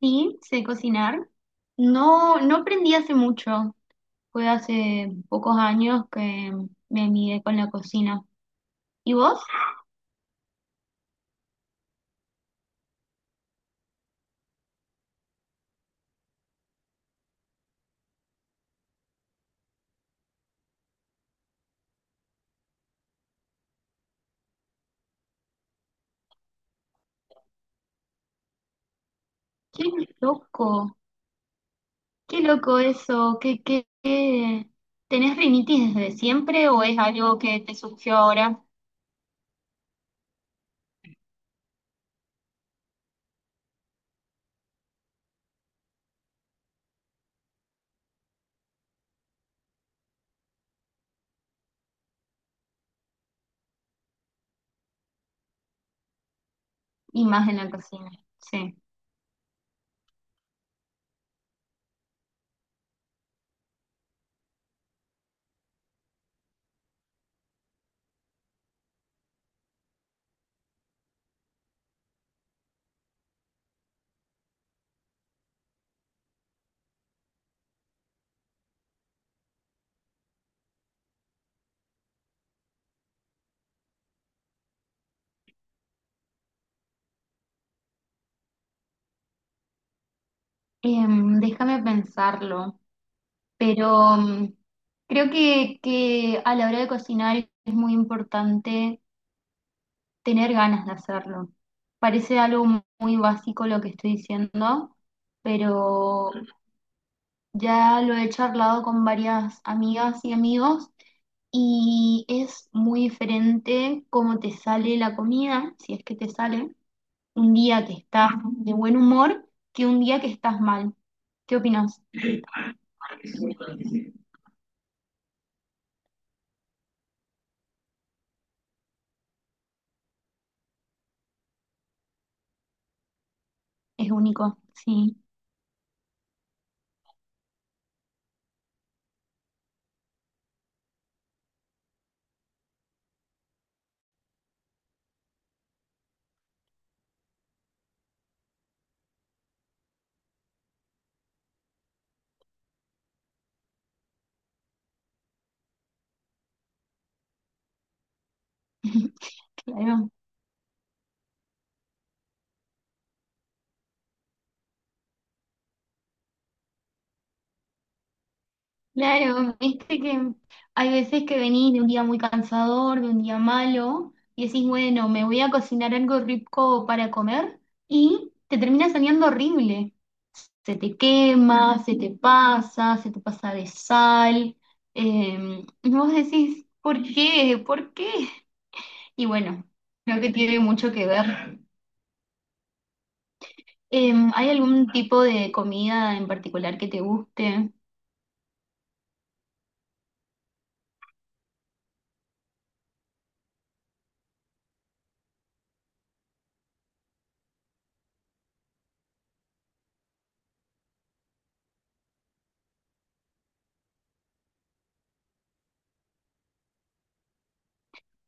Sí, sé cocinar. No, no aprendí hace mucho. Fue hace pocos años que me amigué con la cocina. ¿Y vos? Qué loco, qué loco eso. ¿Tenés rinitis desde siempre o es algo que te surgió ahora y más en la cocina? Sí. Déjame pensarlo. Pero creo que a la hora de cocinar es muy importante tener ganas de hacerlo. Parece algo muy básico lo que estoy diciendo, pero ya lo he charlado con varias amigas y amigos, y es muy diferente cómo te sale la comida, si es que te sale, un día que estás de buen humor que un día que estás mal. ¿Qué opinas? Es único, sí. Claro. Claro, viste que hay veces que venís de un día muy cansador, de un día malo, y decís, bueno, me voy a cocinar algo rico para comer, y te termina saliendo horrible. Se te quema, se te pasa de sal. Y vos decís, ¿por qué? ¿Por qué? Y bueno, creo que tiene mucho que ver. ¿Hay algún tipo de comida en particular que te guste?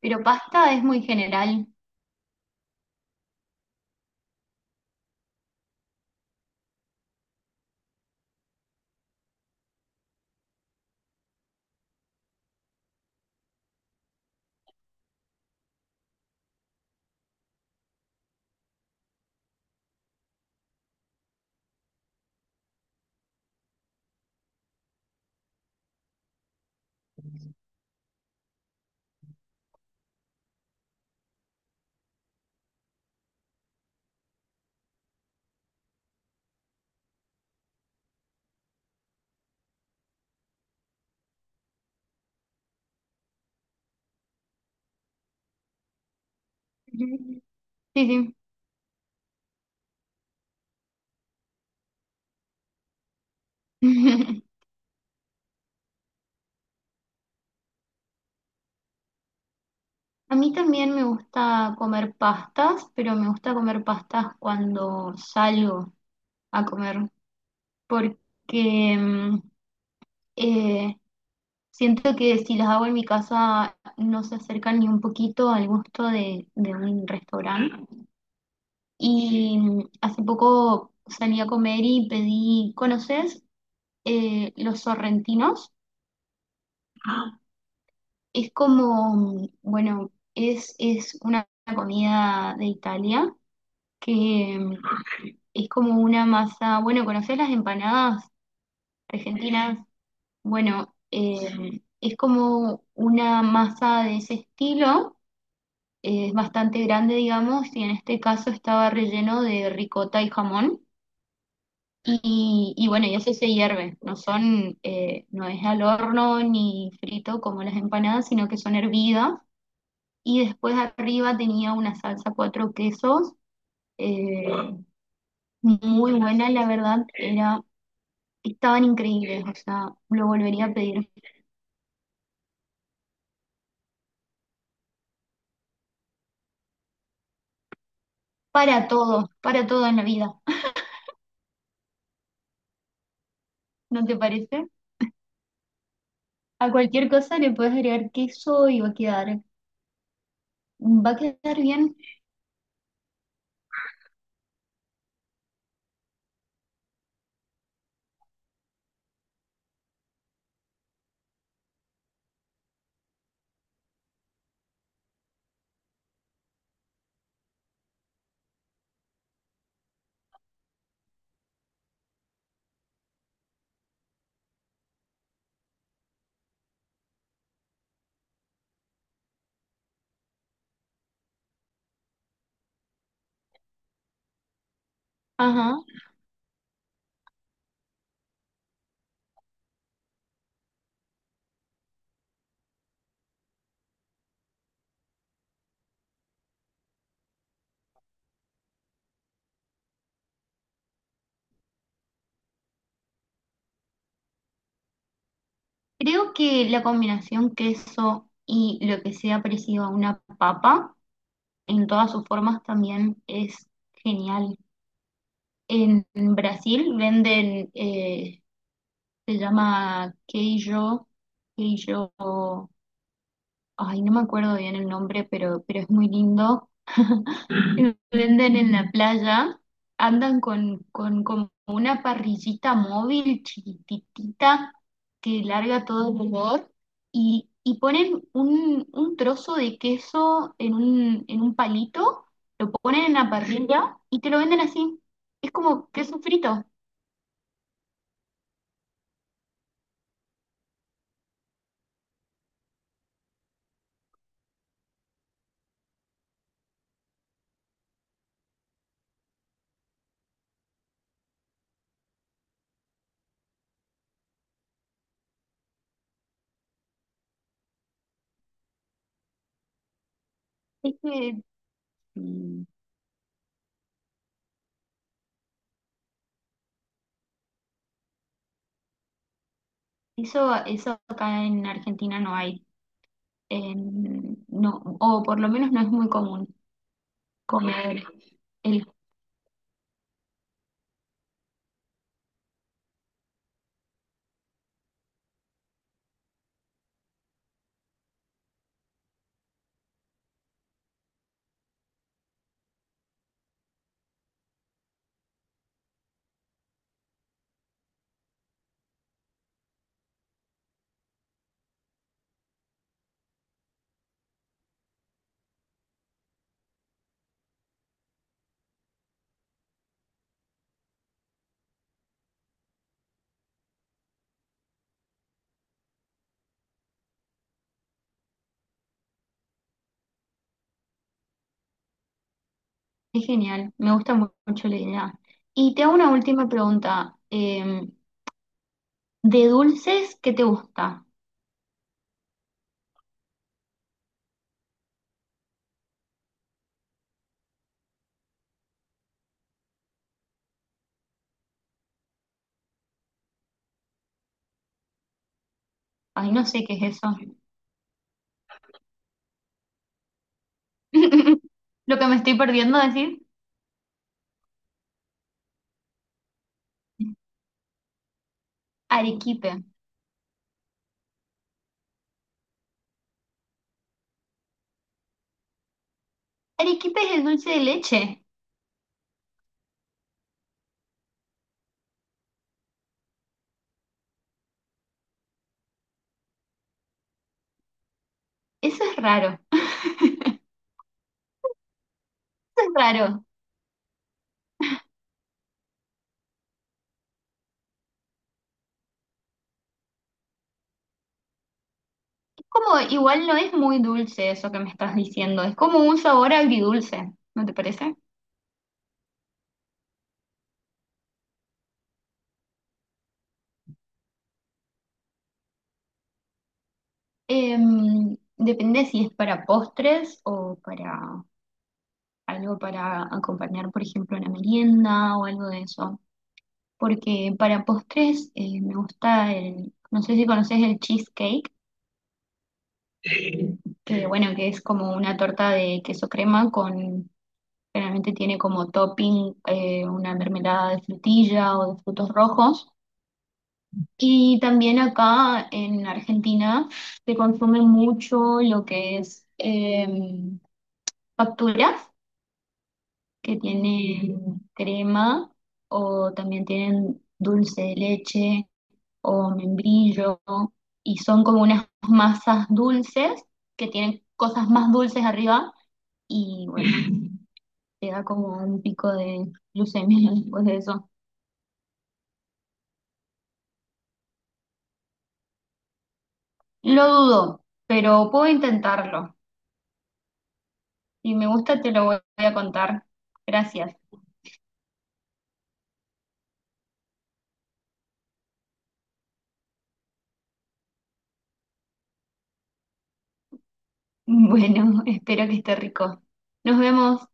Pero pasta es muy general. Ujú. Sí, sí. A mí también me gusta comer pastas, pero me gusta comer pastas cuando salgo a comer, porque eh, siento que si las hago en mi casa no se acercan ni un poquito al gusto de un restaurante. Y hace poco salí a comer y pedí, ¿conoces los sorrentinos? Es como, bueno, es una comida de Italia que es como una masa, bueno, ¿conocés las empanadas argentinas? Bueno, es como una masa de ese estilo, es bastante grande, digamos, y en este caso estaba relleno de ricota y jamón. Y bueno, y eso se hierve, no son, no es al horno ni frito como las empanadas, sino que son hervidas. Y después arriba tenía una salsa cuatro quesos, eh, muy buena, la verdad, era. Estaban increíbles, o sea, lo volvería a pedir para todo en la vida, ¿no te parece? A cualquier cosa le puedes agregar queso y va a quedar bien. Ajá. Creo que la combinación queso y lo que sea parecido a una papa, en todas sus formas también es genial. En Brasil venden, se llama queijo, queijo, ay, no me acuerdo bien el nombre, pero es muy lindo, lo venden en la playa, andan con como una parrillita móvil chiquitita que larga todo el olor, y ponen un trozo de queso en un palito, lo ponen en la parrilla y te lo venden así. Es como queso frito. Es que mm, Eso, eso acá en Argentina no hay. No, o por lo menos no es muy común comer el. Es genial, me gusta mucho la idea. Y te hago una última pregunta. ¿De dulces qué te gusta? Ay, no sé qué es eso. Lo que me estoy perdiendo decir. Arequipe. Arequipe es el dulce de leche. Eso es raro. Eso es raro. Es como, igual no es muy dulce eso que me estás diciendo. Es como un sabor agridulce, ¿no te parece? Depende si es para postres o para algo para acompañar, por ejemplo, una merienda o algo de eso. Porque para postres, me gusta el, no sé si conoces el cheesecake, que bueno, que es como una torta de queso crema con, generalmente tiene como topping, una mermelada de frutilla o de frutos rojos. Y también acá en Argentina se consume mucho lo que es facturas que tiene crema o también tienen dulce de leche o membrillo, y son como unas masas dulces que tienen cosas más dulces arriba, y bueno, te da como un pico de glucemia después de eso. Lo dudo, pero puedo intentarlo. Si me gusta te lo voy a contar. Gracias. Bueno, espero que esté rico. Nos vemos.